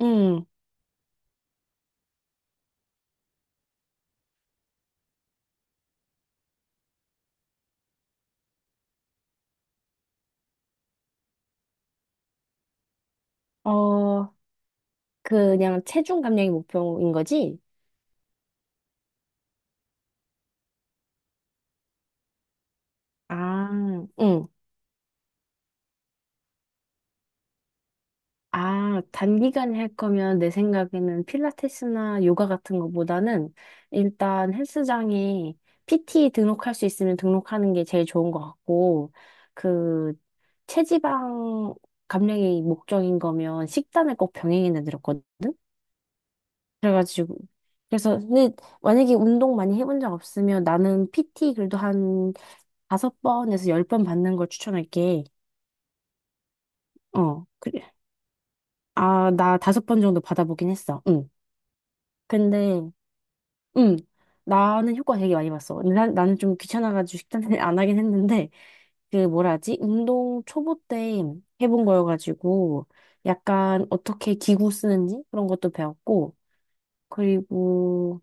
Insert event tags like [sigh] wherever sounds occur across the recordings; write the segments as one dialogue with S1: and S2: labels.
S1: 음, 어, 그냥 체중 감량이 목표인 거지? 아, 응. 아, 단기간에 할 거면 내 생각에는 필라테스나 요가 같은 것보다는 일단 헬스장에 PT 등록할 수 있으면 등록하는 게 제일 좋은 것 같고, 그, 체지방 감량이 목적인 거면 식단을 꼭 병행해 내드렸거든? 그래가지고 그래서 근데 만약에 운동 많이 해본 적 없으면 나는 PT 그래도 한 다섯 번에서 10번 받는 걸 추천할게. 어, 그래. 아, 나 다섯 번 정도 받아보긴 했어. 응. 근데, 응. 나는 효과 되게 많이 봤어. 근데 나는 좀 귀찮아가지고 식단을 [laughs] 안 하긴 했는데, 그 뭐라 하지? 운동 초보 때 해본 거여가지고, 약간 어떻게 기구 쓰는지 그런 것도 배웠고, 그리고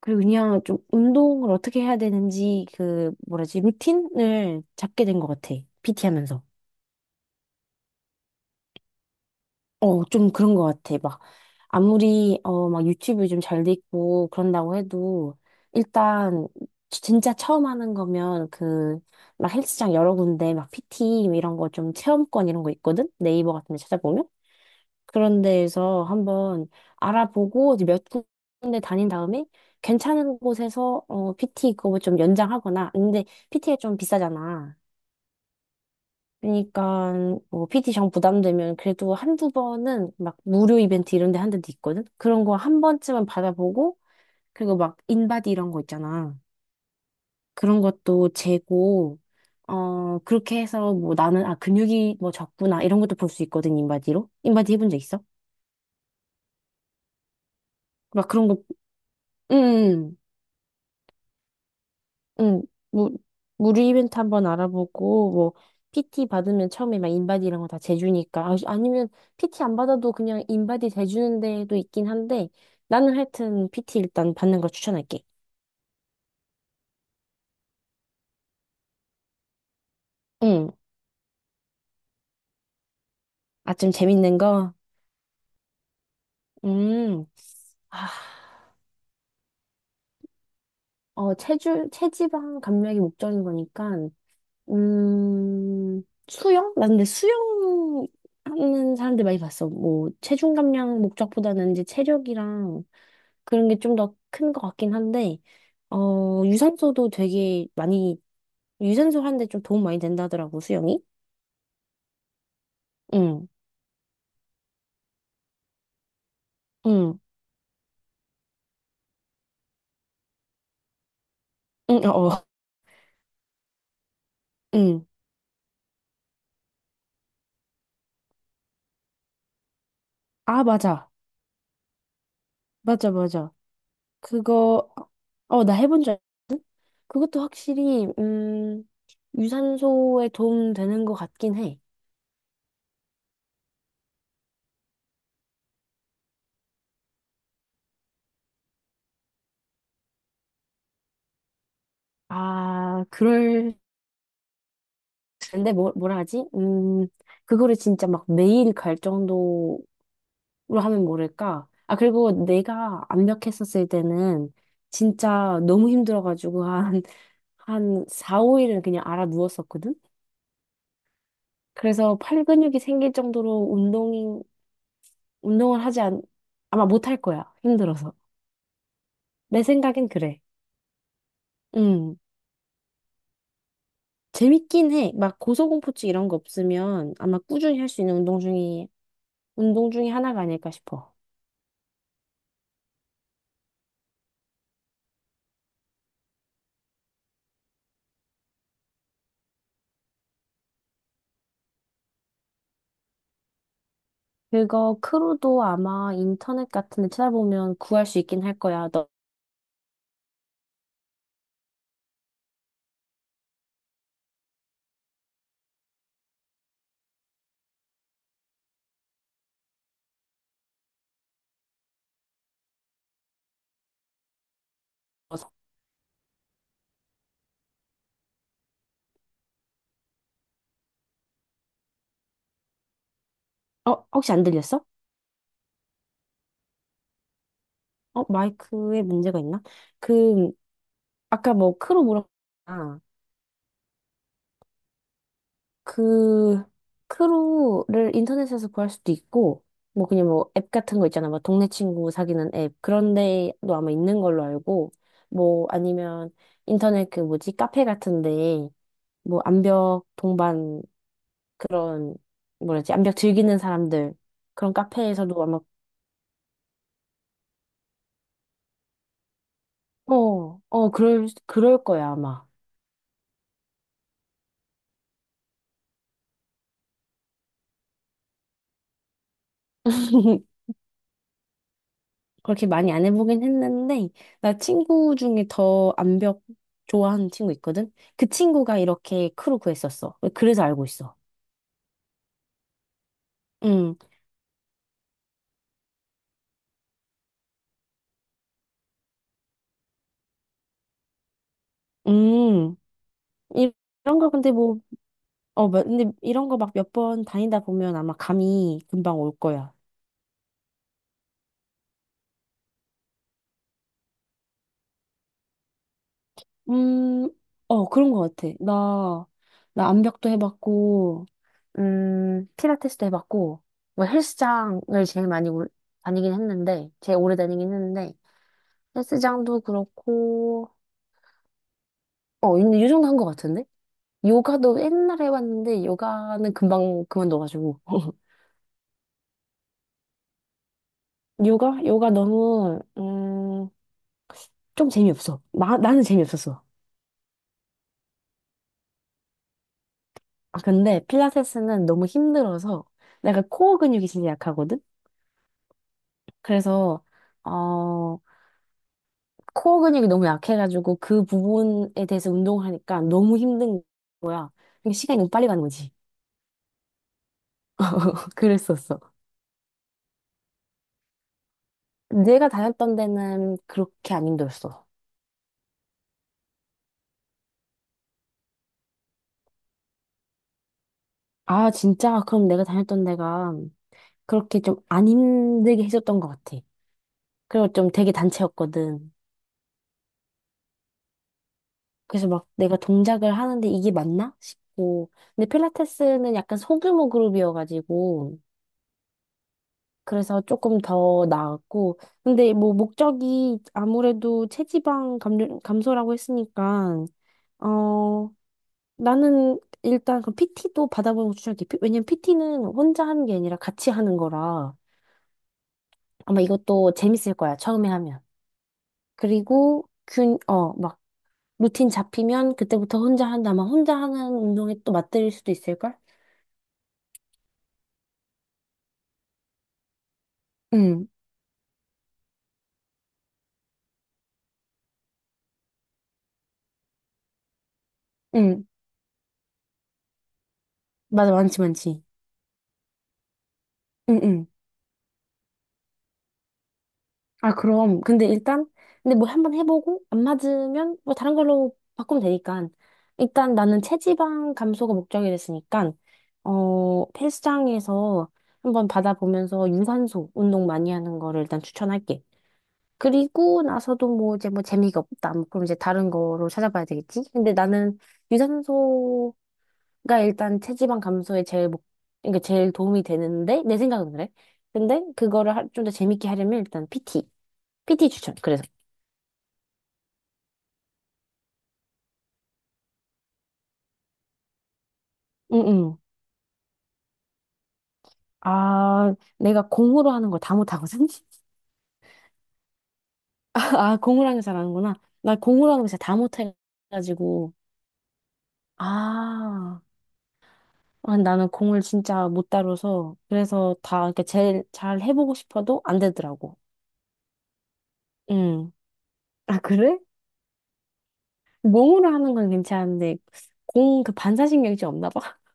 S1: 그리고 그냥 좀 운동을 어떻게 해야 되는지 그 뭐라지 루틴을 잡게 된 것 같아. PT 하면서. 어, 좀 그런 것 같아. 막 아무리 막 유튜브 좀 잘 돼 있고 그런다고 해도 일단 진짜 처음 하는 거면 그 막 헬스장 여러 군데 막 PT 뭐 이런 거 좀 체험권 이런 거 있거든. 네이버 같은 데 찾아보면. 그런 데에서 한번 알아보고 이제 몇 군데 다닌 다음에 괜찮은 곳에서 어, PT 그거 좀 연장하거나 근데 PT가 좀 비싸잖아. 그러니까 뭐 PT 정 부담되면 그래도 한두 번은 막 무료 이벤트 이런 데 한 데도 있거든. 그런 거 한 번쯤은 받아보고 그리고 막 인바디 이런 거 있잖아. 그런 것도 재고 그렇게 해서 뭐 나는 아 근육이 뭐 적구나 이런 것도 볼 수 있거든 인바디로. 인바디 해본 적 있어? 막 그런 거 응. 응, 무, 무료 이벤트 한번 알아보고, 뭐, PT 받으면 처음에 막 인바디 이런 거 다 재주니까. 아, 아니면 PT 안 받아도 그냥 인바디 재주는 데도 있긴 한데, 나는 하여튼 PT 일단 받는 거 추천할게. 응. 아, 좀 재밌는 거? 음. 아, 어, 체지방 감량이 목적인 거니까, 음, 수영? 나 근데 수영 하는 사람들 많이 봤어. 뭐, 체중 감량 목적보다는 이제 체력이랑 그런 게 좀 더 큰 것 같긴 한데, 어, 유산소도 되게 많이, 유산소 하는데 좀 도움 많이 된다더라고, 수영이. 응, 응, 응, 어, 어, 응. 아, 맞아. 맞아, 맞아. 그거, 나 해본 줄 알거든? 그것도 확실히, 유산소에 도움 되는 것 같긴 해. 아, 그럴 근데 뭐, 뭐라 하지? 그거를 진짜 막 매일 갈 정도로 하면 모를까? 아, 그리고 내가 압력했었을 때는 진짜 너무 힘들어가지고 한, 한 4, 5일은 그냥 알아 누웠었거든? 그래서 팔 근육이 생길 정도로 운동을 하지 않, 아마 못할 거야. 힘들어서. 내 생각엔 그래. 음, 재밌긴 해. 막 고소공포증 이런 거 없으면 아마 꾸준히 할 수 있는 운동 중에, 운동 중에 하나가 아닐까 싶어. 그거 크루도 아마 인터넷 같은 데 찾아보면 구할 수 있긴 할 거야. 너, 어, 혹시 안 들렸어? 어, 마이크에 문제가 있나? 그, 아까 뭐 크루 물어봤잖아. 그, 크루를 인터넷에서 구할 수도 있고, 뭐 그냥 뭐 앱 같은 거 있잖아. 막 동네 친구 사귀는 앱. 그런 데도 아마 있는 걸로 알고, 뭐 아니면 인터넷 그 뭐지? 카페 같은 데, 뭐 암벽 동반 그런 뭐지 암벽 즐기는 사람들 그런 카페에서도 아마 어, 어, 그럴 거야, 아마. [laughs] 그렇게 많이 안 해보긴 했는데, 나 친구 중에 더 암벽 좋아하는 친구 있거든? 그 친구가 이렇게 크루 구했었어. 그래서 알고 있어. 응, 음, 이- 이런 거 근데 뭐, 어, 근데 이런 거 막 몇 번 다니다 보면 아마 감이 금방 올 거야. 음, 어, 그런 것 같아. 나 암벽도 해봤고, 필라테스도 해봤고, 뭐 헬스장을 제일 많이 다니긴 했는데, 제일 오래 다니긴 했는데, 헬스장도 그렇고, 어, 이 정도 한 것 같은데? 요가도 옛날에 해봤는데, 요가는 금방 그만둬가지고. [laughs] 요가? 요가 너무, 좀 재미없어. 나는 재미없었어. 아, 근데 필라테스는 너무 힘들어서, 내가 코어 근육이 진짜 약하거든? 그래서 어 코어 근육이 너무 약해가지고 그 부분에 대해서 운동을 하니까 너무 힘든 거야. 근데 시간이 너무 빨리 가는 거지. [laughs] 그랬었어. 내가 다녔던 데는 그렇게 안 힘들었어. 아, 진짜? 그럼 내가 다녔던 데가 그렇게 좀 안 힘들게 해줬던 것 같아. 그리고 좀 되게 단체였거든. 그래서 막 내가 동작을 하는데 이게 맞나 싶고. 근데 필라테스는 약간 소규모 그룹이어가지고 그래서 조금 더 나았고. 근데 뭐 목적이 아무래도 체지방 감소라고 했으니까, 어, 나는 일단 그 PT도 받아보는 거 추천할게. 왜냐면 PT는 혼자 하는 게 아니라 같이 하는 거라 아마 이것도 재밌을 거야. 처음에 하면. 그리고 막 루틴 잡히면 그때부터 혼자 한다. 막 혼자 하는 운동에 또 맞들일 수도 있을걸? 응, 응. 맞아, 많지, 많지. 응, 응. 아, 그럼. 근데 일단, 근데 뭐 한번 해보고, 안 맞으면 뭐 다른 걸로 바꾸면 되니까. 일단 나는 체지방 감소가 목적이 됐으니까, 어, 헬스장에서 한번 받아보면서 유산소 운동 많이 하는 거를 일단 추천할게. 그리고 나서도 뭐 이제 뭐 재미가 없다. 뭐 그럼 이제 다른 거로 찾아봐야 되겠지? 근데 나는 유산소가 일단 체지방 감소에 제일 그러니까 제일 도움이 되는데, 내 생각은 그래. 근데 그거를 좀 더 재밌게 하려면 일단 PT. PT 추천. 그래서. 응응. 아, 내가 공으로 하는 걸 다 못하거든? [laughs] 아, 공으로 하는 거 잘하는구나. 나 공으로 하는 거 진짜 다 못해가지고. 아, 아, 나는 공을 진짜 못 다뤄서. 그래서 다, 이렇게 제일 잘 해보고 싶어도 안 되더라고. 응. 아, 그래? 몸으로 하는 건 괜찮은데, 공 그 반사신경이 좀 없나 봐. [laughs]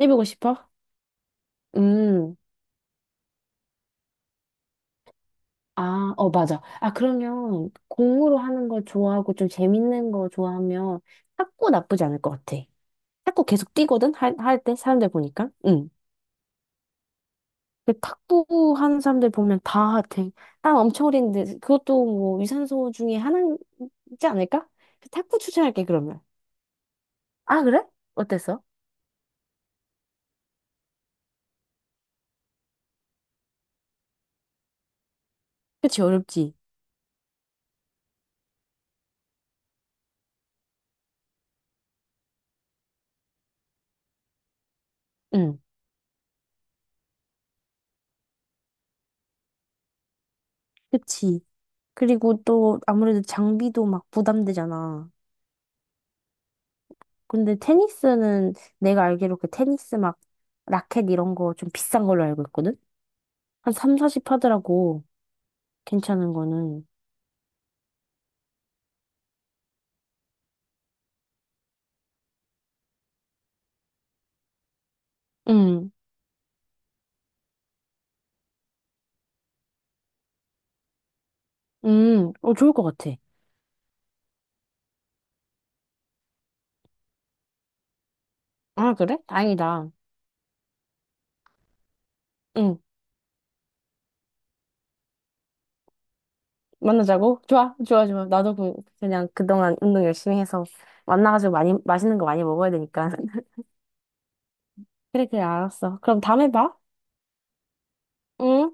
S1: 해보고 싶어? 음. 아, 어, 맞아. 아, 그러면 공으로 하는 걸 좋아하고 좀 재밌는 거 좋아하면 탁구 나쁘지 않을 것 같아. 탁구 계속 뛰거든? 할, 할 때? 사람들 보니까? 응. 근데 탁구 하는 사람들 보면 다 되게 땀 엄청 흘리는데 그것도 뭐 유산소 중에 하나이지 않을까? 탁구 추천할게, 그러면. 아, 그래? 어땠어? 그치, 어렵지. 응. 그치. 그리고 또 아무래도 장비도 막 부담되잖아. 근데 테니스는 내가 알기로 그 테니스 막 라켓 이런 거 좀 비싼 걸로 알고 있거든? 한 3, 40 하더라고. 괜찮은 거는. 응, 응, 어, 좋을 것 같아. 아, 그래? 다행이다. 응, 만나자고? 좋아, 좋아, 좋아. 나도 그, 그냥 그동안 운동 열심히 해서 만나가지고 많이, 맛있는 거 많이 먹어야 되니까. [laughs] 그래, 그래, 알았어. 그럼 다음에 봐. 응?